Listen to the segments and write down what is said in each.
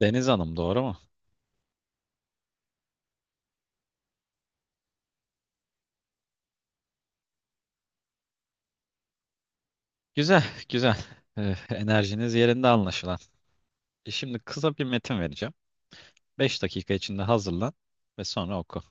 Deniz Hanım doğru mu? Güzel, güzel. Enerjiniz yerinde anlaşılan. Şimdi kısa bir metin vereceğim. 5 dakika içinde hazırlan ve sonra oku.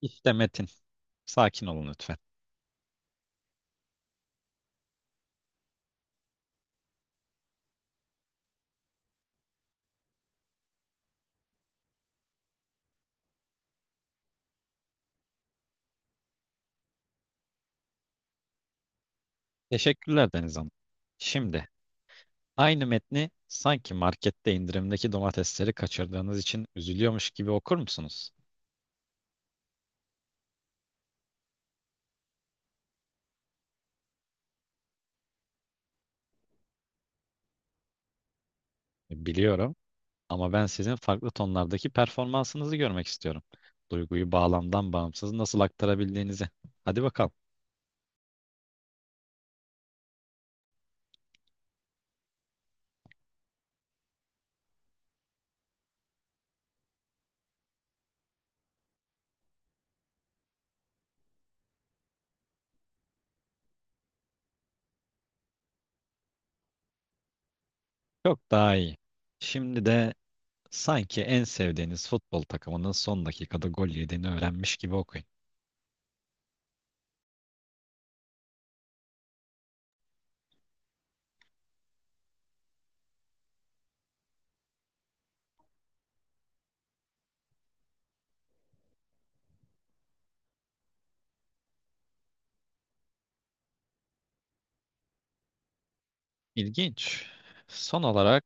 İşte metin. Sakin olun lütfen. Teşekkürler Deniz Hanım. Şimdi aynı metni sanki markette indirimdeki domatesleri kaçırdığınız için üzülüyormuş gibi okur musunuz? Biliyorum ama ben sizin farklı tonlardaki performansınızı görmek istiyorum. Duyguyu bağlamdan bağımsız nasıl aktarabildiğinizi. Hadi bakalım. Çok daha iyi. Şimdi de sanki en sevdiğiniz futbol takımının son dakikada gol yediğini öğrenmiş gibi okuyun. İlginç. Son olarak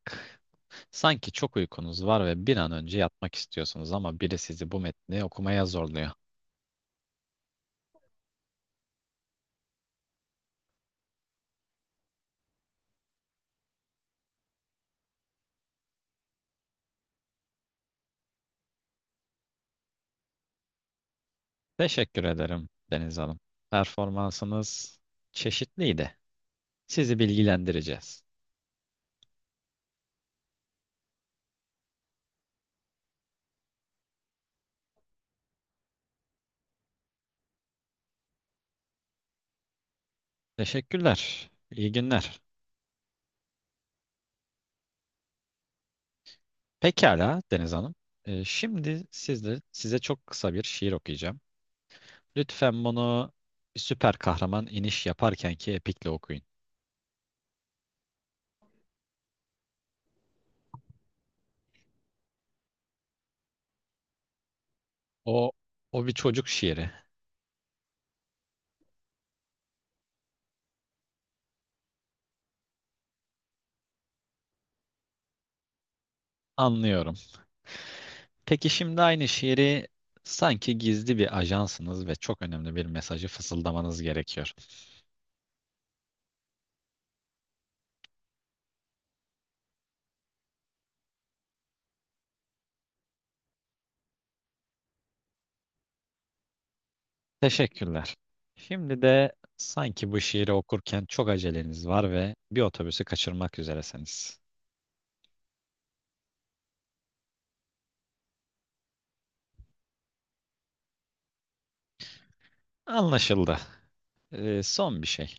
sanki çok uykunuz var ve bir an önce yatmak istiyorsunuz ama biri sizi bu metni okumaya zorluyor. Teşekkür ederim Deniz Hanım. Performansınız çeşitliydi. Sizi bilgilendireceğiz. Teşekkürler. İyi günler. Pekala Deniz Hanım. Şimdi sizde, size çok kısa bir şiir okuyacağım. Lütfen bunu bir süper kahraman iniş yaparken ki epikle okuyun. O, o bir çocuk şiiri. Anlıyorum. Peki şimdi aynı şiiri sanki gizli bir ajansınız ve çok önemli bir mesajı fısıldamanız gerekiyor. Teşekkürler. Şimdi de sanki bu şiiri okurken çok aceleniz var ve bir otobüsü kaçırmak üzeresiniz. Anlaşıldı. Son bir şey.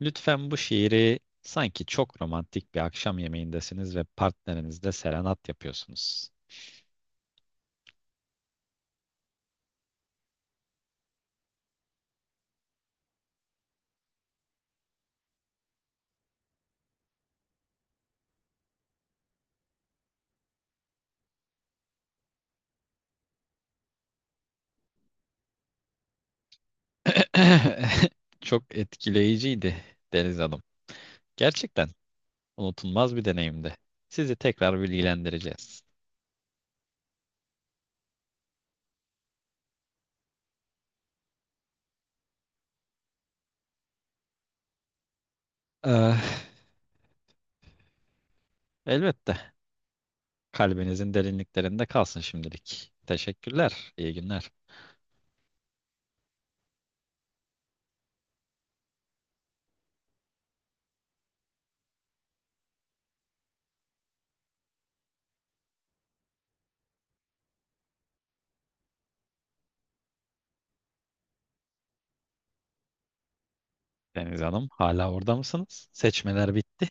Lütfen bu şiiri sanki çok romantik bir akşam yemeğindesiniz ve partnerinizle serenat yapıyorsunuz. Çok etkileyiciydi Deniz Hanım. Gerçekten unutulmaz bir deneyimdi. Sizi tekrar bilgilendireceğiz. Eh, Elbette. Kalbinizin derinliklerinde kalsın şimdilik. Teşekkürler. İyi günler. Deniz Hanım, hala orada mısınız? Seçmeler bitti.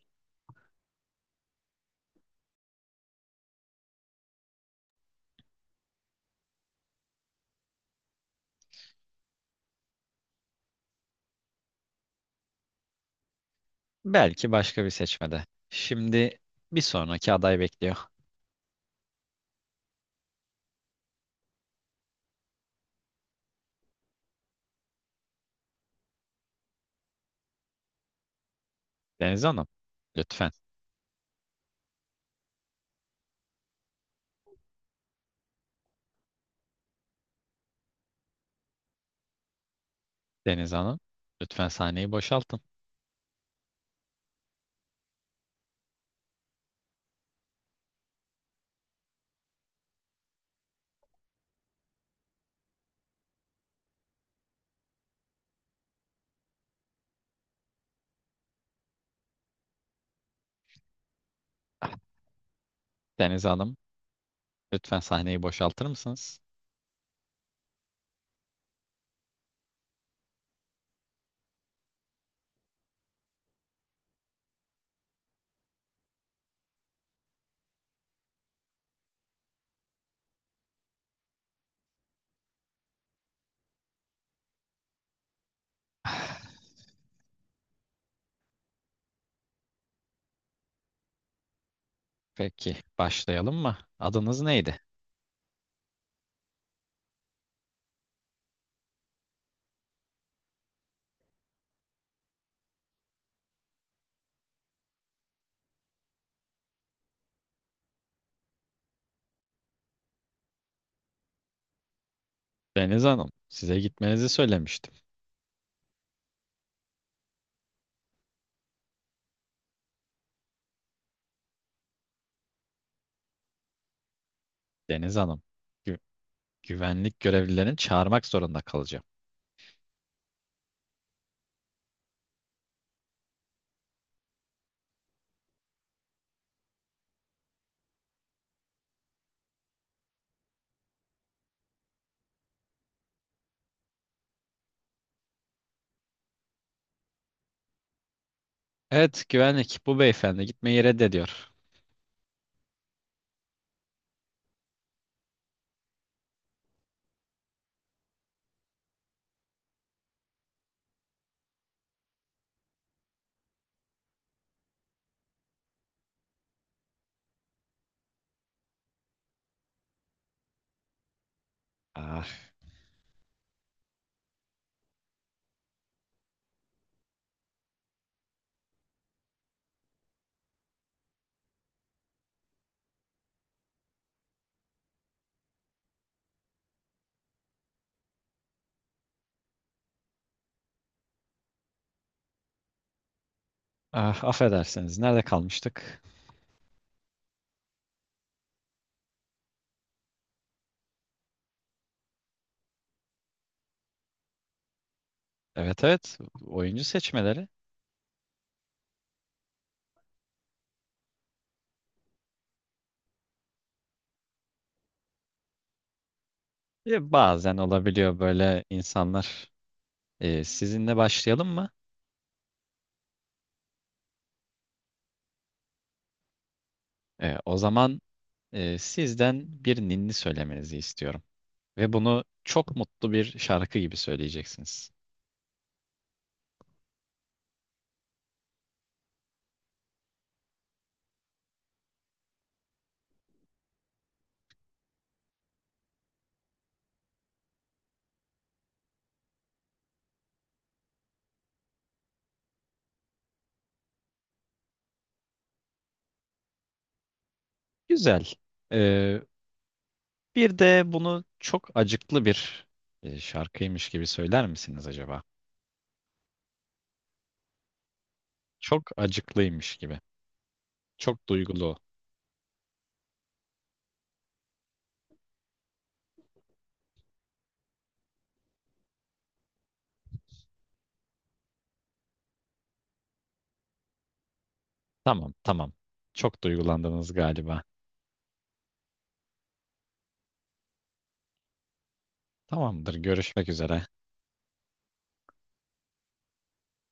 Belki başka bir seçmede. Şimdi bir sonraki aday bekliyor. Deniz Hanım, lütfen. Deniz Hanım, lütfen sahneyi boşaltın. Ah, Deniz Hanım, lütfen sahneyi boşaltır mısınız? Ah, peki, başlayalım mı? Adınız neydi? Deniz Hanım, size gitmenizi söylemiştim. Deniz Hanım, gü- güvenlik görevlilerini çağırmak zorunda kalacağım. Evet güvenlik, bu beyefendi gitmeyi reddediyor. Ah, ah, affedersiniz, nerede kalmıştık? Evet, evet, oyuncu seçmeleri. Bazen olabiliyor böyle insanlar. Sizinle başlayalım mı? O zaman sizden bir ninni söylemenizi istiyorum. Ve bunu çok mutlu bir şarkı gibi söyleyeceksiniz. Güzel. E, Bir de bunu çok acıklı bir şarkıymış gibi söyler misiniz acaba? Çok acıklıymış gibi. Çok duygulu. Tamam, tamam. Çok duygulandınız galiba. Tamamdır, görüşmek üzere.